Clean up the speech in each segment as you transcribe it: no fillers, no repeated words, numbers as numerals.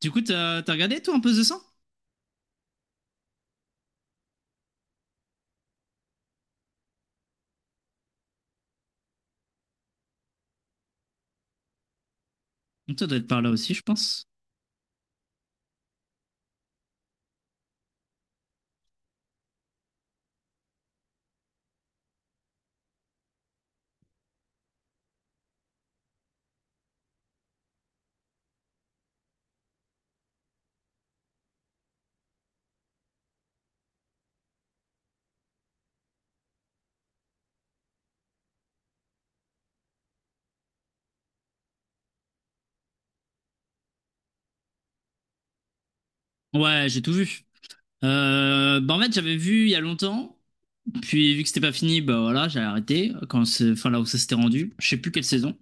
Du coup, t'as regardé toi un peu The 100? Toi, doit être par là aussi, je pense. Ouais, j'ai tout vu. Bah en fait, j'avais vu il y a longtemps, puis vu que c'était pas fini, bah voilà, j'ai arrêté quand enfin là où ça s'était rendu. Je sais plus quelle saison.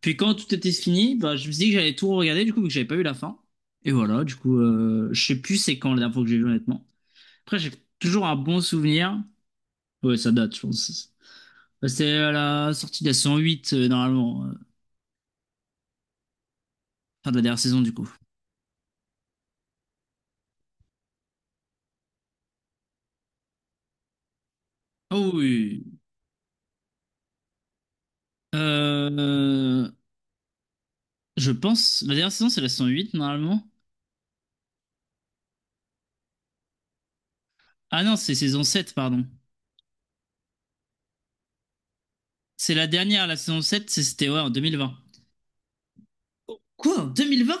Puis quand tout était fini, bah je me suis dit que j'allais tout regarder du coup vu que j'avais pas eu la fin. Et voilà, du coup, je sais plus c'est quand la dernière fois que j'ai vu honnêtement. Après, j'ai toujours un bon souvenir. Ouais, ça date, je pense. Bah, c'était à la sortie de la saison 8, normalement, fin de la dernière saison du coup. Oh oui. Euh, Je pense. La dernière saison, c'est la saison 8 normalement. Ah non, c'est saison 7, pardon. C'est la dernière, la saison 7, c'était ouais, en 2020. Oh, quoi, en 2020?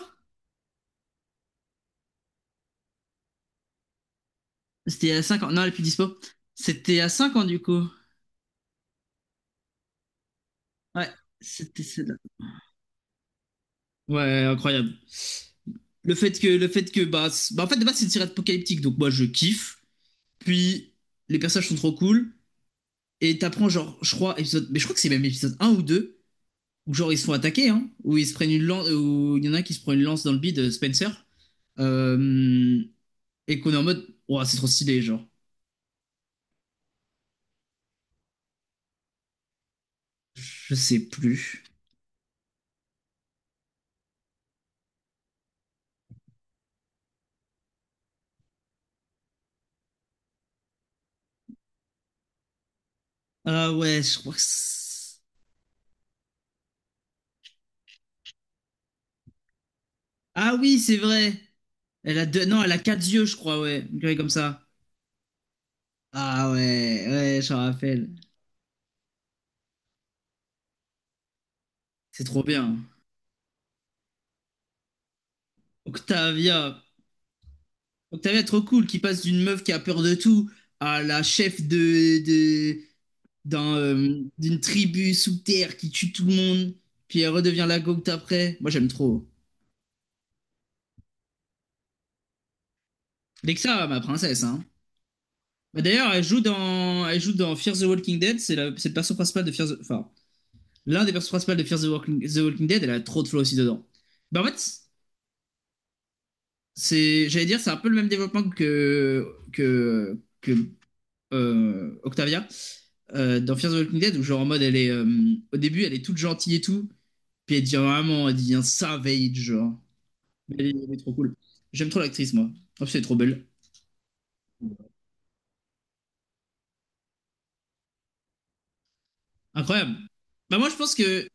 C'était à cinq ans. Non, elle est plus dispo. C'était à 5 ans, du coup. Ouais, c'était celle-là. Ouais, incroyable. Le fait que, bah, c'est- bah, en fait, de base, c'est une série apocalyptique, donc moi, je kiffe. Puis, les personnages sont trop cool. Et t'apprends, genre, je crois que c'est même épisode un ou 2 où genre, ils se font attaquer, hein, où ils se prennent une lance, où il y en a un qui se prend une lance dans le bide, Spencer. Euh, et qu'on est en mode, ouah, c'est trop stylé, genre. Je sais plus. Ah ouais, je crois que c'est- Ah oui, c'est vrai. Elle a deux... Non, elle a quatre yeux, je crois, ouais. Une grille comme ça. Ah ouais, ouais, je me rappelle. C'est trop bien. Octavia. Octavia, trop cool, qui passe d'une meuf qui a peur de tout à la chef d'une tribu sous terre qui tue tout le monde. Puis elle redevient la gocte après. Moi, j'aime trop. Lexa, ma princesse, hein. Bah, d'ailleurs, elle joue dans Fear the Walking Dead. C'est le personnage principal de l'un des personnages principaux de the Walking Dead. Elle a trop de flow aussi dedans. Bah, en fait, j'allais dire, c'est un peu le même développement que Octavia dans Fear the Walking Dead, où genre en mode, au début, elle est toute gentille et tout, puis elle devient savage, genre. Mais elle est, elle est trop cool. J'aime trop l'actrice, moi. En plus, elle est trop belle. Incroyable. Bah, moi, je pense que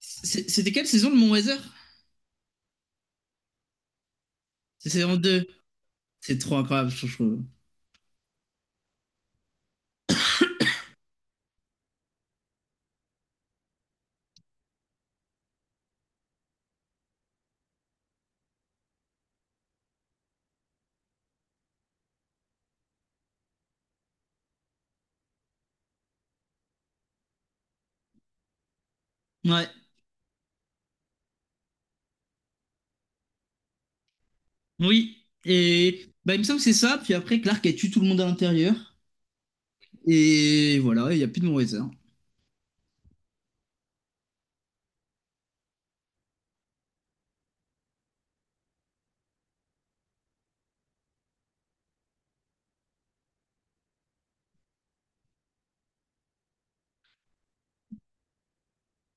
c'était quelle saison de Mon Weather? C'est saison 2. C'est trop incroyable, je trouve. Ouais, oui. Et bah, il me semble que c'est ça. Puis après, Clark a tué tout le monde à l'intérieur. Et voilà, il n'y a plus de Morizer.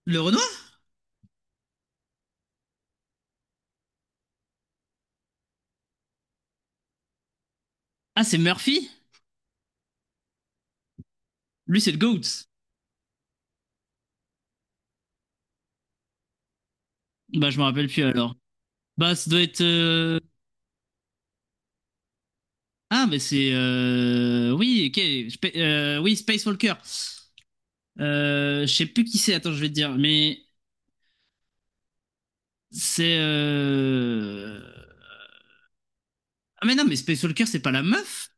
Le Renoir. Ah, c'est Murphy. Lui, c'est le Goat. Bah, je me rappelle plus alors. Bah, ça doit être. Ah, mais c'est. Oui, ok. Oui, Space Walker. Je sais plus qui c'est, attends, je vais te dire. Mais c'est. Ah, mais non, mais Space Walker, c'est pas la meuf.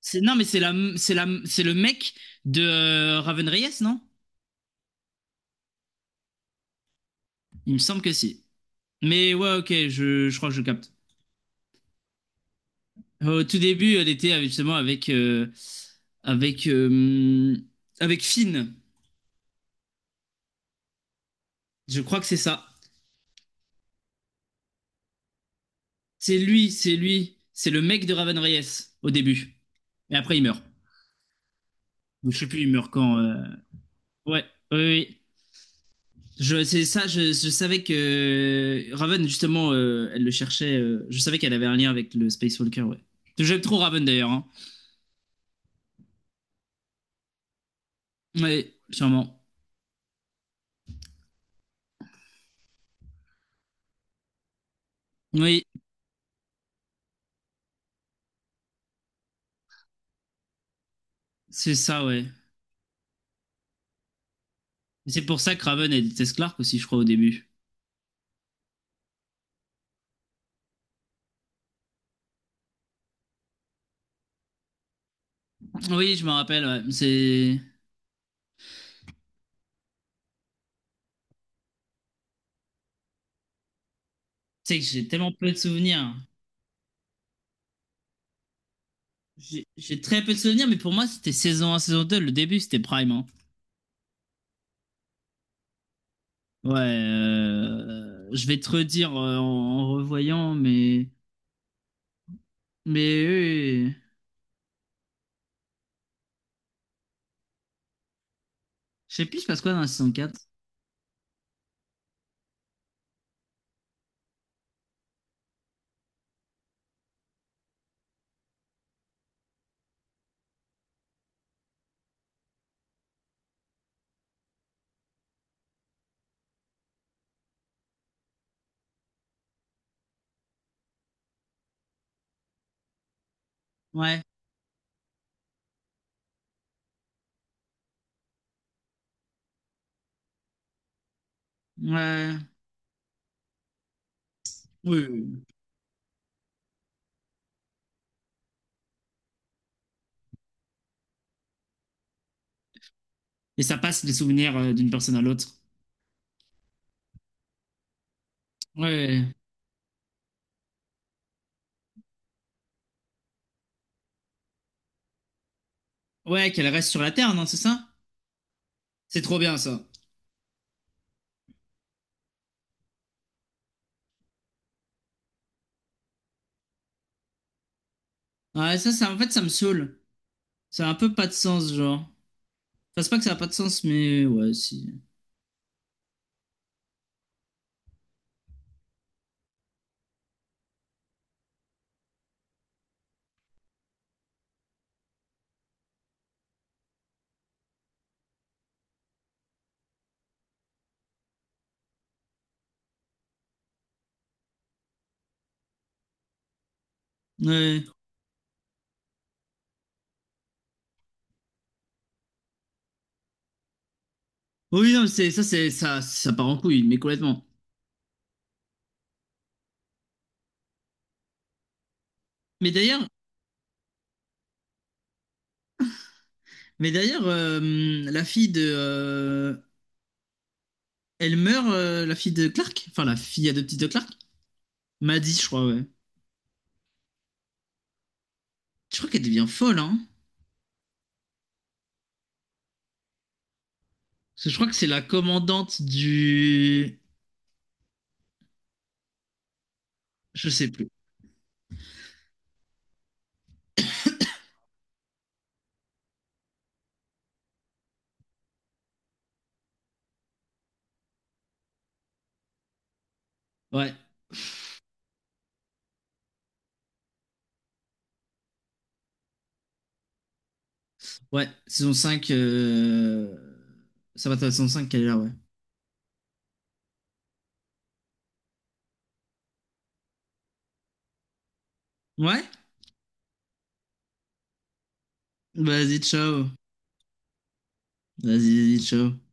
C'est, non, mais c'est le mec de Raven Reyes, non? Il me semble que si. Mais ouais, ok, je crois que je capte. Au tout début, elle était justement avec, euh, avec Finn. Je crois que c'est ça. C'est lui, c'est lui. C'est le mec de Raven Reyes au début. Mais après, il meurt. Donc, je sais plus, il meurt quand. Ouais, oui, oui, oui. C'est ça, je savais que Raven, justement, elle le cherchait. Euh, je savais qu'elle avait un lien avec le Space Walker, ouais. J'aime trop Raven d'ailleurs. Hein. Oui, sûrement. Oui, c'est ça, ouais. C'est pour ça que Raven elle déteste Clark aussi, je crois, au début. Oui, je me rappelle, ouais. C'est. C'est que j'ai tellement peu de souvenirs. J'ai très peu de souvenirs, mais pour moi, c'était saison un, saison 2, le début, c'était Prime. Hein. Ouais, je vais te redire en revoyant, mais. Mais oui, oui, oui. Je sais plus, je passe quoi dans la saison 4. Ouais, ouais, oui, oui, oui. Et ça passe les souvenirs d'une personne à l'autre. Ouais, ouais, qu'elle reste sur la Terre, non, c'est ça? C'est trop bien ça. Ouais, en fait, ça me saoule. Ça a un peu pas de sens, genre. Enfin, c'est pas que ça a pas de sens, mais ouais, si. Ouais. Oui, non, c'est ça, ça part en couille, mais complètement. Mais d'ailleurs, mais d'ailleurs, la fille de, euh, elle meurt, la fille de Clark, enfin la fille adoptive de Clark, Maddie, je crois, ouais. Je crois qu'elle devient folle, hein. Parce que je crois que c'est la commandante du, je sais plus. Ouais, ouais, saison 5. Euh, ça va, ta saison 5 qu'elle est là, ouais. Ouais? Vas-y, ciao. Vas-y, vas-y, ciao.